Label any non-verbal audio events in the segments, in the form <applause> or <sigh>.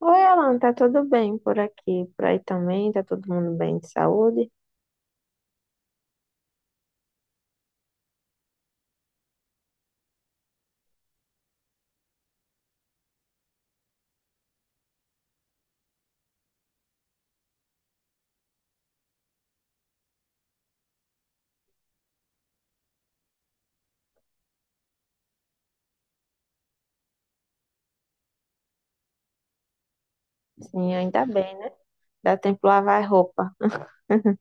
Oi, Alan, tá tudo bem por aqui? Por aí também, tá todo mundo bem de saúde? Sim, ainda bem, né? Dá tempo de lavar roupa. <laughs>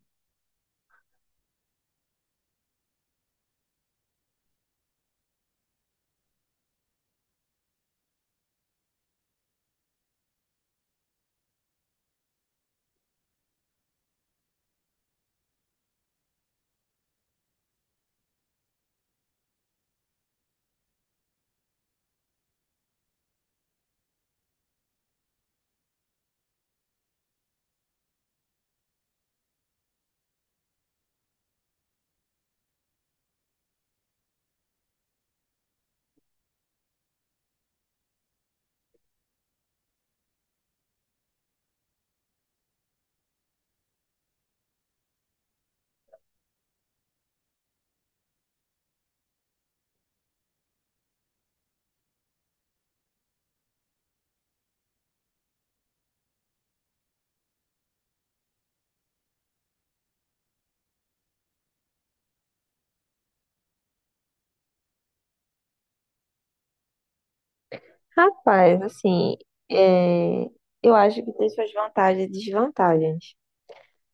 Rapaz, assim, é, eu acho que tem suas vantagens e desvantagens.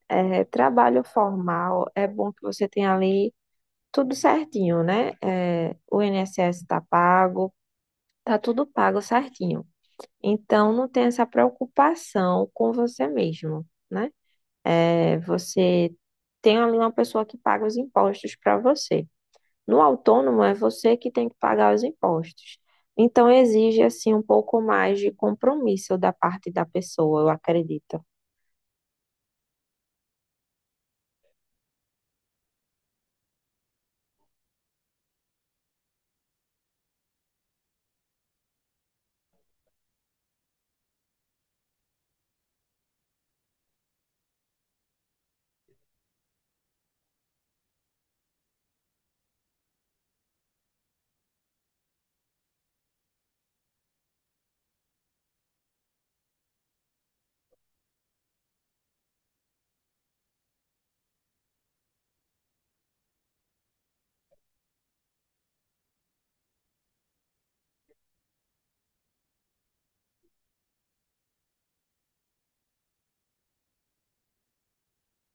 Trabalho formal é bom que você tenha ali tudo certinho, né? O INSS tá pago, tá tudo pago certinho. Então, não tem essa preocupação com você mesmo, né? Você tem ali uma pessoa que paga os impostos para você. No autônomo é você que tem que pagar os impostos. Então exige assim um pouco mais de compromisso da parte da pessoa, eu acredito.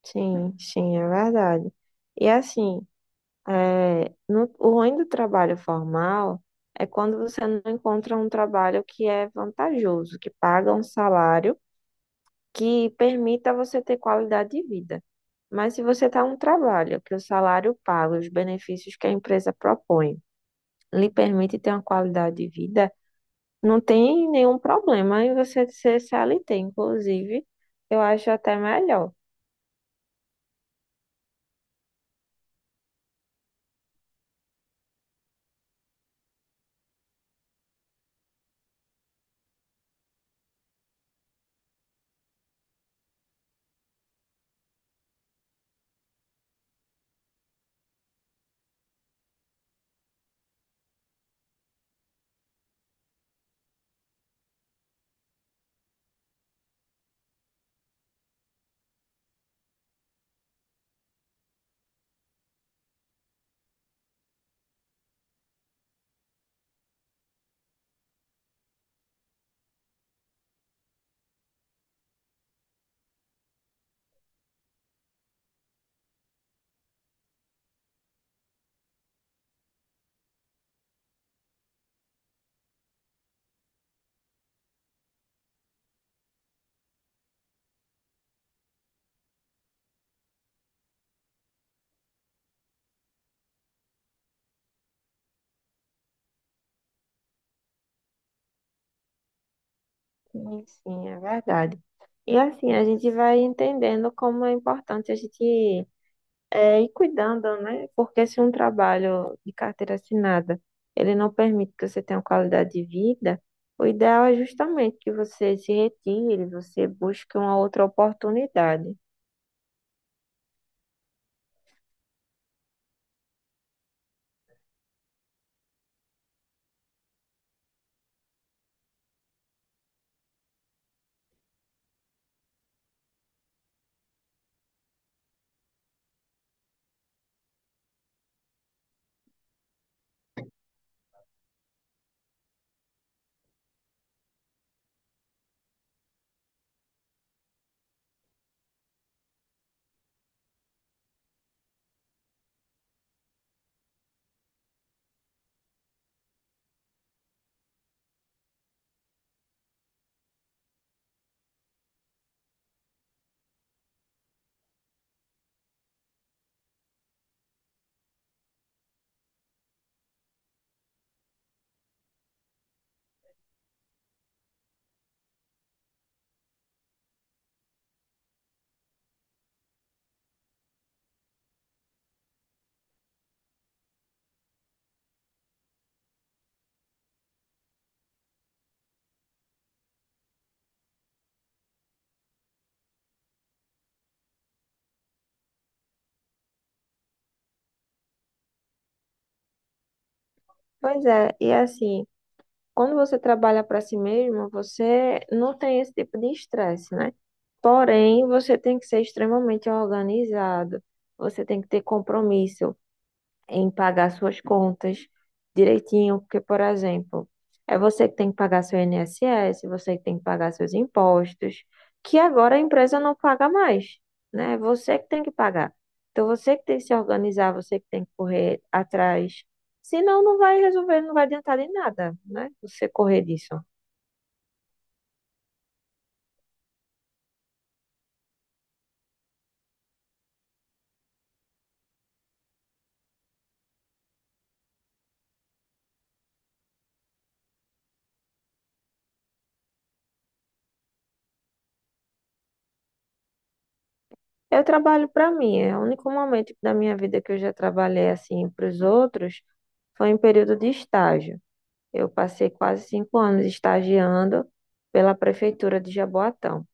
Sim, sim, é verdade. E assim, o ruim do trabalho formal é quando você não encontra um trabalho que é vantajoso, que paga um salário que permita você ter qualidade de vida. Mas se você está um trabalho que o salário paga, os benefícios que a empresa propõe, lhe permite ter uma qualidade de vida, não tem nenhum problema em você ser CLT. Inclusive, eu acho até melhor. Sim, sim, é verdade. E assim, a gente vai entendendo como é importante a gente e cuidando, né? Porque se um trabalho de carteira assinada, ele não permite que você tenha uma qualidade de vida, o ideal é justamente que você se retire, você busque uma outra oportunidade. Pois é, e é assim, quando você trabalha para si mesmo, você não tem esse tipo de estresse, né? Porém, você tem que ser extremamente organizado, você tem que ter compromisso em pagar suas contas direitinho, porque, por exemplo, é você que tem que pagar seu INSS, você que tem que pagar seus impostos, que agora a empresa não paga mais, né? É você que tem que pagar. Então, você que tem que se organizar, você que tem que correr atrás. Senão, não vai resolver, não vai adiantar de nada, né? Você correr disso. Eu trabalho para mim, é o único momento da minha vida que eu já trabalhei assim para os outros foi em período de estágio. Eu passei quase 5 anos estagiando pela prefeitura de Jaboatão.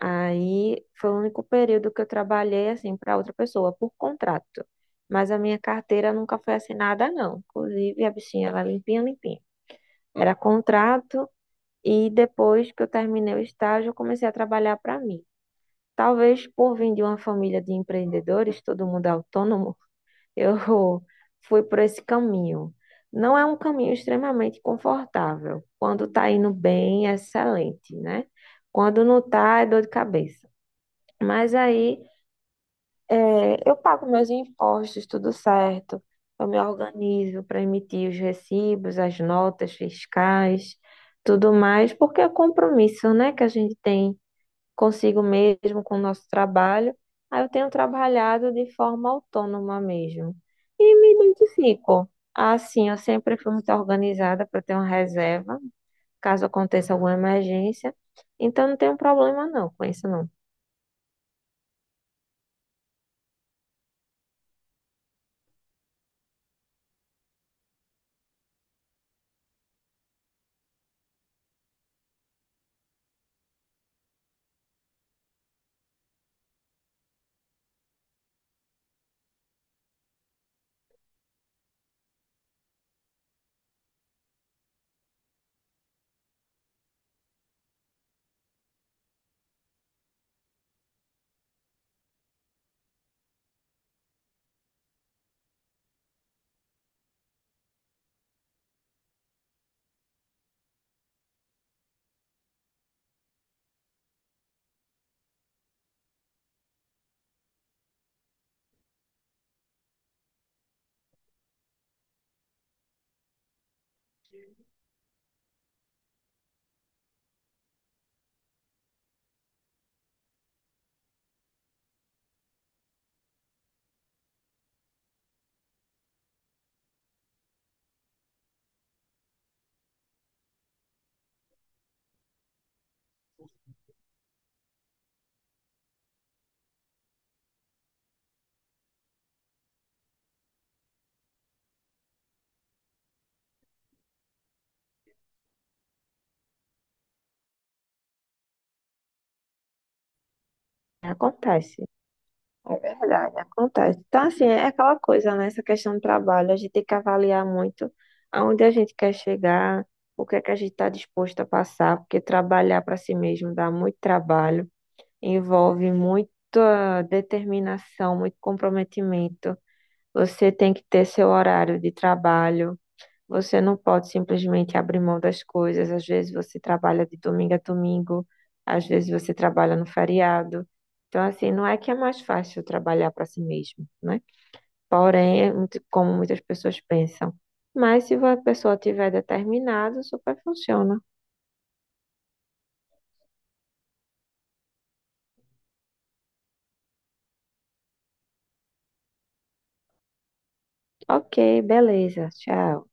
Aí foi o único período que eu trabalhei assim para outra pessoa por contrato. Mas a minha carteira nunca foi assinada, não. Inclusive, a bichinha era limpinha, limpinha. Era contrato e depois que eu terminei o estágio, eu comecei a trabalhar para mim. Talvez por vir de uma família de empreendedores, todo mundo é autônomo, eu <laughs> fui por esse caminho. Não é um caminho extremamente confortável. Quando tá indo bem, é excelente, né? Quando não tá, é dor de cabeça. Mas aí, eu pago meus impostos, tudo certo. Eu me organizo para emitir os recibos, as notas fiscais, tudo mais, porque é compromisso, né, que a gente tem consigo mesmo, com o nosso trabalho. Aí eu tenho trabalhado de forma autônoma mesmo. E me identifico. Assim, eu sempre fui muito organizada para ter uma reserva, caso aconteça alguma emergência. Então, não tenho problema não com isso, não. Acontece. É verdade, acontece. Então, assim, é aquela coisa, né? Essa questão do trabalho, a gente tem que avaliar muito aonde a gente quer chegar, o que é que a gente está disposto a passar, porque trabalhar para si mesmo dá muito trabalho. Envolve muita determinação, muito comprometimento. Você tem que ter seu horário de trabalho. Você não pode simplesmente abrir mão das coisas. Às vezes você trabalha de domingo a domingo, às vezes você trabalha no feriado. Então, assim, não é que é mais fácil trabalhar para si mesmo, né? Porém, é muito- como muitas pessoas pensam. Mas se a pessoa tiver determinado, super funciona. Ok, beleza, tchau.